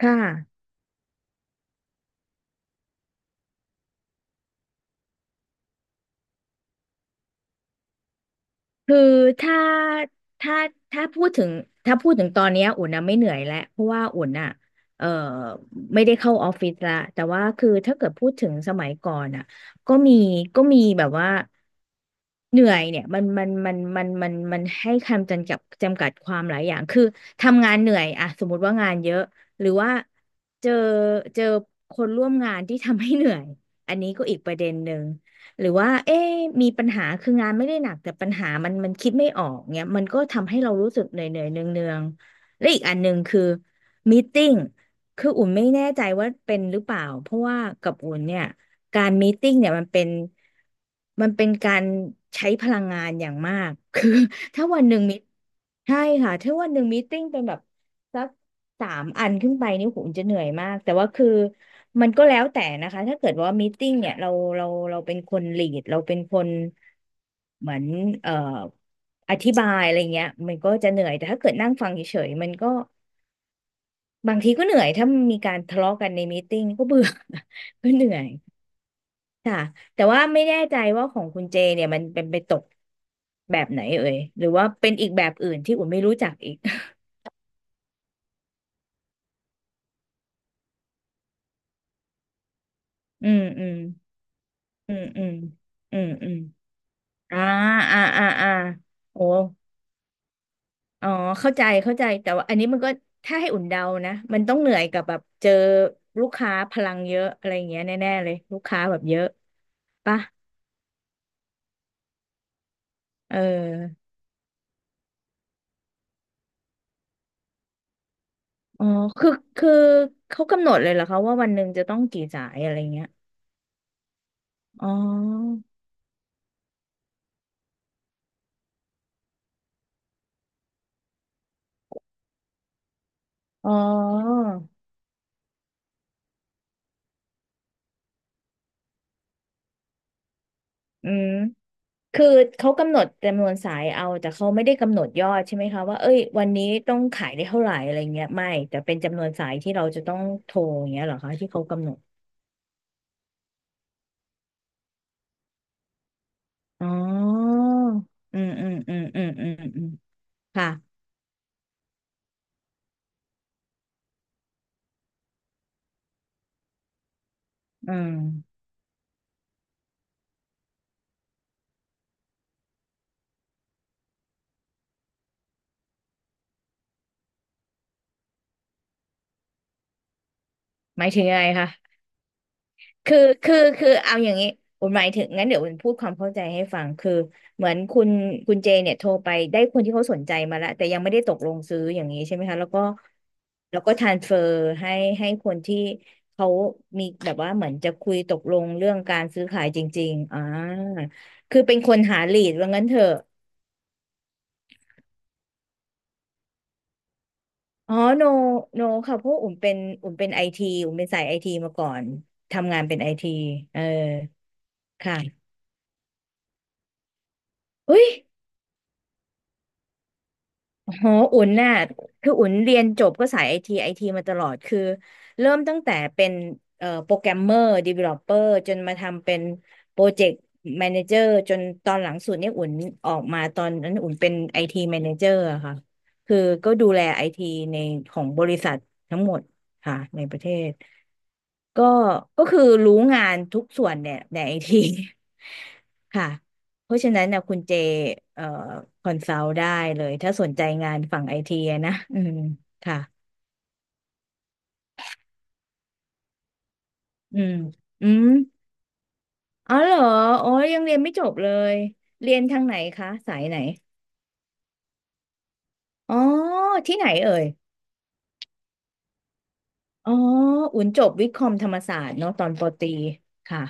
ค่ะคือถ้าถ้าถ้าพูดถึงถ้าพูดถึงตอนเนี้ยอุ่นนะไม่เหนื่อยแล้วเพราะว่าอุ่นอ่ะเอ่อไม่ได้เข้าออฟฟิศละแต่ว่าคือถ้าเกิดพูดถึงสมัยก่อนอ่ะก็มีก็มีแบบว่าเหนื่อยเนี่ยมันให้คำจำกัดความหลายอย่างคือทำงานเหนื่อยอะสมมติว่างานเยอะหรือว่าเจอเจอคนร่วมงานที่ทำให้เหนื่อยอันนี้ก็อีกประเด็นหนึ่ง หรือว่าเอ๊ะมีปัญหาคืองานไม่ได้หนักแต่ปัญหามันคิดไม่ออกเงี้ยมันก็ทำให้เรารู้สึกเหนื่อยเนืองเนืองๆและอีกอันหนึ่งคือมีตติ้งคืออุ่นไม่แน่ใจว่าเป็นหรือเปล่าเพราะว่ากับอุ่นเนี่ย การมีตติ้งเนี่ยมันเป็นการใช้พลังงานอย่างมาก คือถ้าวันหนึ่งมีใช่ค่ะถ้าวันหนึ่งมีตติ้งเป็นแบบสักสามอันขึ้นไปนี่ผมจะเหนื่อยมากแต่ว่าคือมันก็แล้วแต่นะคะถ้าเกิดว่ามีตติ้งเนี่ยเราเราเป็นคนลีดเราเป็นคนเหมือนเอ่ออธิบายอะไรเงี้ยมันก็จะเหนื่อยแต่ถ้าเกิดนั่งฟังเฉยๆมันก็บางทีก็เหนื่อยถ้ามีการทะเลาะกันในมีตติ้งก็เบื่อ ก็เหนื่อย ค่ะแต่ว่าไม่แน่ใจว่าของคุณเจเนี่ยมันเป็นไปตกแบบไหนเอ่ยหรือว่าเป็นอีกแบบอื่นที่อุ่นไม่รู้จักอีก อืมอืมอืมอืมอืมอืมอ่าอ่าอ่าอ่าโอ้อ๋อเข้าใจเข้าใจ แต่ว่าอันนี้มันก็ถ้าให้อุ่นเดานะมันต้องเหนื่อยกับแบบเจอลูกค้าพลังเยอะอะไรอย่างเงี้ยแน่ๆเลยลูกค้าแบบเยอะปะเอออ๋อคือคือเขากำหนดเลยเหรอคะว่าวันหนึ่งจะต้องกี่สายอะไรเงี้ยอ๋ออ๋อ อืมคือเขากำหนดจำนวนสายเอาแต่เขาไม่ได้กำหนดยอดใช่ไหมคะว่าเอ้ยวันนี้ต้องขายได้เท่าไหร่อะไรเงี้ยไม่แต่เป็นจำนวนสายที่เราจะต้องโทรอย่างเงี้ยเหรอคะที่เขากำหนดอ๋ออืมอืมอืมอืมอืมอืมค่ะอืมหมายถึงยังไงคะ คือคือเอาอย่างนี้ผมหมายถึงงั้นเดี๋ยวผมพูดความเข้าใจให้ฟังคือเหมือนคุณเจเนี่ยโทรไปได้คนที่เขาสนใจมาแล้วแต่ยังไม่ได้ตกลงซื้ออย่างนี้ใช่ไหมคะแล้วก็แล้วก็ทรานเฟอร์ให้ให้คนที่เขามีแบบว่าเหมือนจะคุยตกลงเรื่องการซื้อขายจริงๆอ่าคือเป็นคนหาลีดว่างั้นเถอะอ๋อโนโนค่ะเพราะอุ่มเป็นไอทีอุ่มเป็นสายไอทีมาก่อน ทำงานเป็นไอทีเออค่ะเฮ้ย โหอุ่นน่ะคืออุ่นเรียนจบก็สายไอทีไอทีมาตลอด คือเริ่มตั้งแต่เป็นโปรแกรมเมอร์ดีเวลลอปเปอร์จนมาทำเป็นโปรเจกต์แมเนเจอร์จนตอนหลังสุดเนี่ยอุ่นออกมาตอนนั้นอุ่นเป็นไอทีแมเนเจอร์ค่ะ คือก็ดูแลไอทีในของบริษัททั้งหมดค่ะในประเทศ ก็ก็คือรู้งานทุกส่วนเนี่ย ในไอที ค่ะเพราะฉะนั้นนะคุณเจเอ่อคอนซัลท์ได้เลยถ้าสนใจงานฝั่งไอทีนะอืมค่ะอืมอืมอ๋อเหรออ๋อยังเรียนไม่จบเลยเรียนทางไหนคะสายไหนอ๋อที่ไหนเอ่ยอ๋ออุ่นจบวิทย์คอมธรรมศาสตร์เนาะตอนปอตรีค่ะ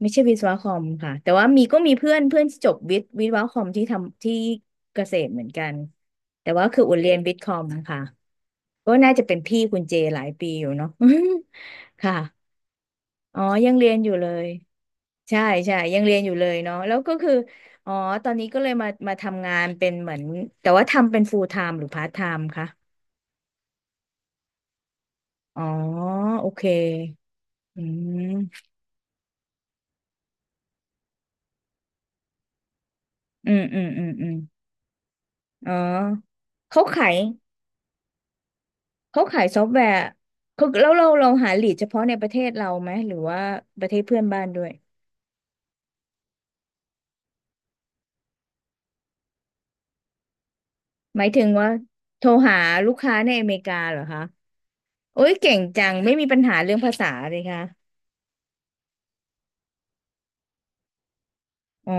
ไม่ใช่วิศวะคอมค่ะแต่ว่ามีก็มีเพื่อนเพื่อนที่จบวิศวะคอมที่ทำที่เกษตรเหมือนกันแต่ว่าคืออุ่นเรียนวิทย์คอมค่ะก็น่าจะเป็นพี่คุณเจหลายปีอยู่เนาะ ค่ะอ๋อยังเรียนอยู่เลยใช่ใช่ยังเรียนอยู่เลยเนาะแล้วก็คืออ๋อตอนนี้ก็เลยมามาทำงานเป็นเหมือนแต่ว่าทำเป็น full time หรือ part time คะอ๋อโอเคอืมอืมอืมอืมอืมอ๋อเขาขาย เขาขายซอฟต์แวร์เขาแล้วเราหาลีดเฉพาะในประเทศเราไหมหรือว่าประเทศเพื่อนบ้านด้วยหมายถึงว่าโทรหาลูกค้าในอเมริกาเหรอคะโอ้ยเก่งจังไม่มีปัญหาเรื่องภาษาเลยค่ะ อ๋อ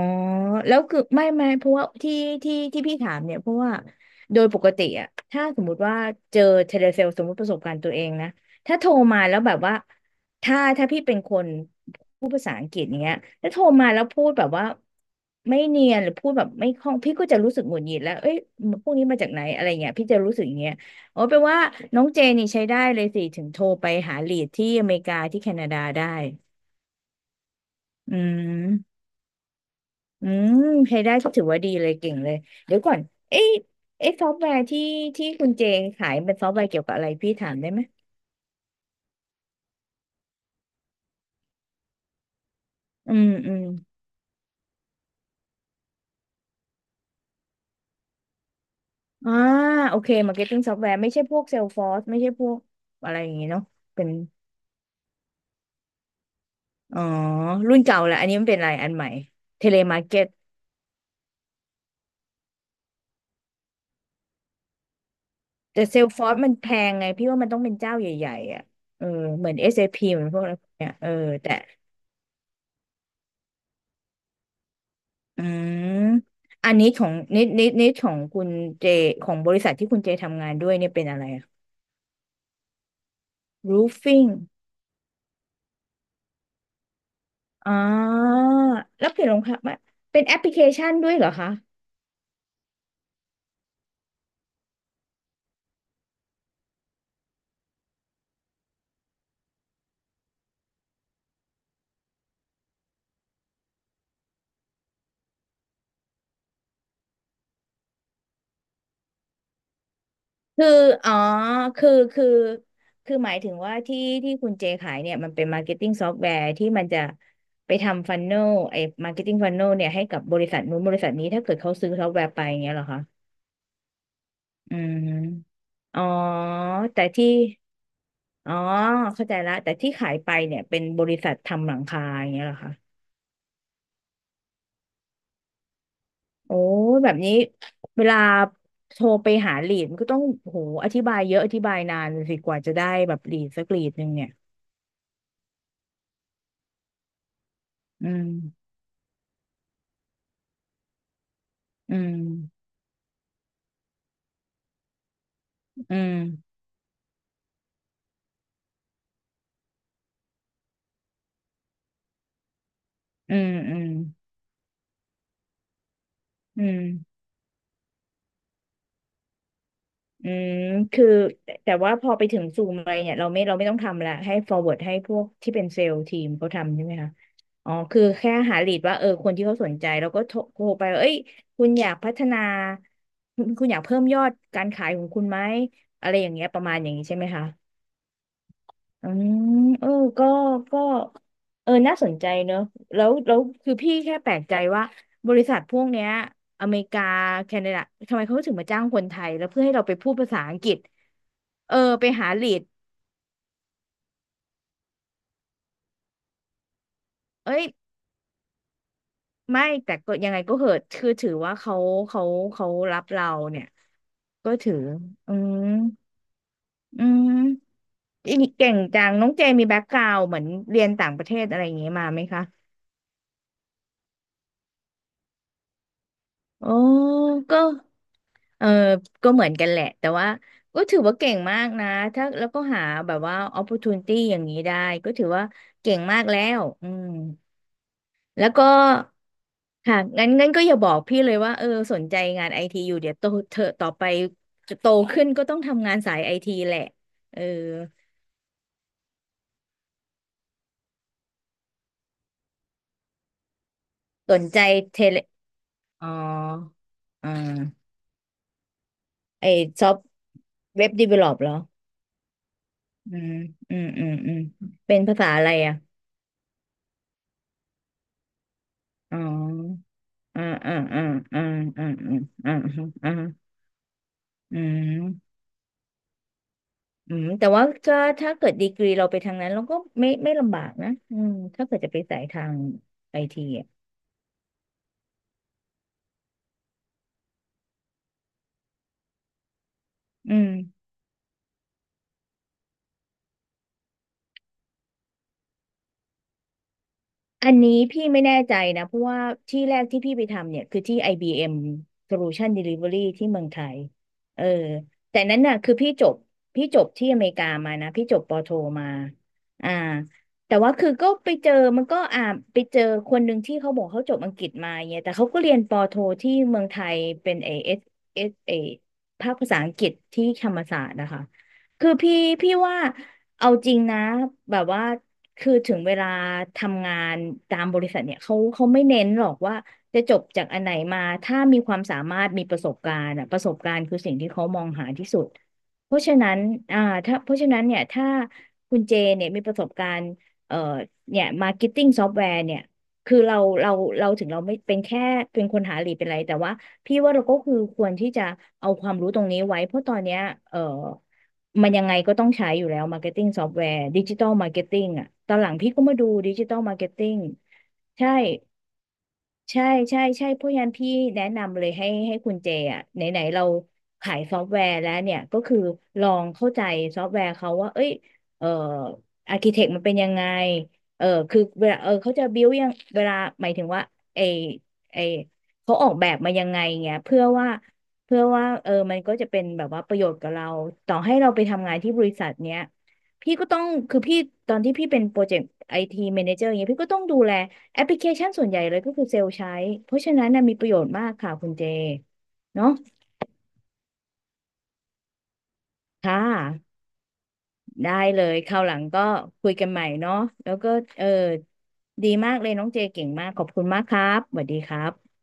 แล้วคือไม่ไม่เพราะว่าที่ที่พี่ถามเนี่ยเพราะว่าโดยปกติอะถ้าสมมุติว่าเจอเทเลเซลสมมติประสบการณ์ตัวเองนะถ้าโทรมาแล้วแบบว่าถ้าพี่เป็นคนพูดภาษาอังกฤษอย่างเงี้ยแล้วโทรมาแล้วพูดแบบว่าไม่เนียนหรือพูดแบบไม่คล่องพี่ก็จะรู้สึกหงุดหงิดแล้วเอ้ยพวกนี้มาจากไหนอะไรเงี้ยพี่จะรู้สึกอย่างเงี้ยอ๋อแปลว่าน้องเจนี่ใช้ได้เลยสิถึงโทรไปหาลีดที่อเมริกาที่แคนาดาได้อืม อืมใช้ได้ก็ถือว่าดีเลยเก่งเลย เดี๋ยวก่อนเอ๊ะเอ๊ะซอฟต์แวร์ที่ที่คุณเจขายเป็นซอฟต์แวร์เกี่ยวกับอะไรพี่ถามได้ไหมอืมอืมอ่าโอเคมาร์เก็ตติ้งซอฟต์แวร์ไม่ใช่พวกเซลฟอร์สไม่ใช่พวกอะไรอย่างงี้เนาะเป็นอ๋อรุ่นเก่าแหละอันนี้มันเป็นอะไรอันใหม่เทเลมาร์เก็ตแต่เซลฟอร์สมันแพงไงพี่ว่ามันต้องเป็นเจ้าใหญ่ๆอ่ะเออเหมือน SAP เอพีเหมือนพวกอะไรพวกเนี้ยเออแต่ อืมอันนี้ของนิดของคุณเจของบริษัทที่คุณเจทำงานด้วยเนี่ยเป็นอะไรอะ roofing อ๋อาแล้วเปลี่ยนรองเท้ามาเป็นแอปพลิเคชันด้วยเหรอคะคืออ๋อคือคือหมายถึงว่าที่ที่คุณเจขายเนี่ยมันเป็นมาร์เก็ตติ้งซอฟต์แวร์ที่มันจะไปทำฟันเนลไอ้มาร์เก็ตติ้งฟันเนลเนี่ยให้กับบริษัทนู้นบริษัทนี้ถ้าเกิดเขาซื้อซอฟต์แวร์ไปอย่างเงี้ยเหรอคะอืมอ๋อแต่ที่ อ๋อเข้าใจแล้วแต่ที่ขายไปเนี่ยเป็นบริษัททำหลังคาอย่างเงี้ยเหรอคะโอ้ยแบบนี้เวลาโทรไปหาลีดมันก็ต้องโหอธิบายเยอะอธิบายนานสิกว่าจะได้แบบลีดสักลีดหนึ่งเนี่ยอืมอืมอืมอืมอืมอืม อืมคือแต่ว่าพอไปถึงซูมอะไรเนี่ยเราไม่ต้องทำละให้ forward ให้พวกที่เป็นเซลล์ทีมเขาทำใช่ไหมคะอ๋อคือแค่หาลีดว่าเออคนที่เขาสนใจแล้วก็โทรไปว่าเอ้ยคุณอยากพัฒนาคุณอยากเพิ่มยอดการขายของคุณไหมอะไรอย่างเงี้ยประมาณอย่างนี้ใช่ไหมคะ อืมเออก็ก็เออน่าสนใจเนอะแล้วคือพี่แค่แปลกใจว่าบริษัทพวกเนี้ยอเมริกาแคนาดาทำไมเขาถึงมาจ้างคนไทยแล้วเพื่อให้เราไปพูดภาษาอังกฤษเออไปหาลีดเอ้ยไม่แต่ก็ยังไงก็เหอะคือถือว่าเขาเขารับเราเนี่ยก็ถืออืมอืมอีกเก่งจังน้องเจมีแบ็กกราวเหมือนเรียนต่างประเทศอะไรอย่างงี้มาไหมคะโอ้ก็ เออ ก็เหมือนกันแหละ แต่ว่าก็ถือว่าเก่งมากนะ ถ้าแล้วก็หาแบบว่า opportunity อย่างนี้ได้ ก็ถือว่าเก่งมากแล้วอืมแล้วก็ค่ะงั้นก็อย่าบอกพี่เลยว่า เออสนใจงานไอทีอยู่เดี๋ยวโตเธอต่อไปจะโตขึ้นก็ต้องทำงานสายไอทีแหละ เออ สนใจเทเลอ๋ออ่าไอซอฟเว็บดีเวลลอปเหรออืมอืมอืมอืมเป็นภาษาอะไรอ่ะ อ๋อ อ่าอ่าอ่าอ่าอ่าอ่าอ่าอ่าอืมอืมแต่ว่าก็ถ้าเกิดดีกรีเราไปทางนั้นเราก็ไม่ลำบากนะอืมถ้าเกิดจะไปสายทางไอทีอ่ะอืม อันนี้พี่ไม่แน่ใจนะเพราะว่าที่แรกที่พี่ไปทำเนี่ยคือที่ IBM Solution Delivery ที่เมืองไทยเออแต่นั้นน่ะคือพี่จบที่อเมริกามานะพี่จบปอโทมาอ่าแต่ว่าคือก็ไปเจอมันก็อ่าไปเจอคนหนึ่งที่เขาบอกเขาจบอังกฤษมาเนี่ยแต่เขาก็เรียนปอโทที่เมืองไทยเป็นเอเอสเอสเอภาคภาษาอังกฤษที่ธรรมศาสตร์นะคะคือพี่ว่าเอาจริงนะแบบว่า คือถึงเวลาทำงานตามบริษัทเนี่ยเขาไม่เน้นหรอกว่าจะจบจากอันไหนมาถ้ามีความสามารถมีประสบการณ์อะประสบการณ์คือสิ่งที่เขามองหาที่สุดเพราะฉะนั้นอ่าถ้าเพราะฉะนั้นเนี่ยถ้าคุณเจเนี่ยมีประสบการณ์เอ่อเนี่ยมาร์เก็ตติ้งซอฟต์แวร์เนี่ยคือเราเราถึงเราไม่เป็นแค่เป็นคนหาลีดเป็นไรแต่ว่าพี่ว่าเราก็คือควรที่จะเอาความรู้ตรงนี้ไว้เพราะตอนเนี้ยเอ่อ มันยังไงก็ต้องใช้อยู่แล้วมาร์เก็ตติ้งซอฟต์แวร์ดิจิตัลมาร์เก็ตติ้งอ่ะตอนหลังพี่ก็มาดูดิจิตัลมาร์เก็ตติ้งใช่ ใช่ใช่เพราะงั้นพี่แนะนำเลยให้คุณเจอ่ะไหนไหนเราขายซอฟต์แวร์แล้วเนี่ยก็คือลองเข้าใจซอฟต์แวร์เขาว่าเอ้ยเอ่ออาร์คิเทคมันเป็นยังไงเออคือเวลาเออเขาจะบิวยังเวลาหมายถึงว่าไอไอเขาออกแบบมายังไงเงี้ยเพื่อว่าเออมันก็จะเป็นแบบว่าประโยชน์กับเราต่อให้เราไปทำงานที่บริษัทเนี้ยพี่ก็ต้องคือพี่ตอนที่พี่เป็นโปรเจกต์ไอทีแมเนเจอร์เงี้ยพี่ก็ต้องดูแล แอปพลิเคชันส่วนใหญ่เลยก็คือเซลล์ใช้เพราะฉะนั้นนะมีประโยชน์มากค่ะคุณเจเนาะค่ะได้เลยคราวหลังก็คุยกันใหม่เนาะแล้วก็เออดีมากเลยน้องเจเก่งมากขอบคุณมากครับสวัสดีครับ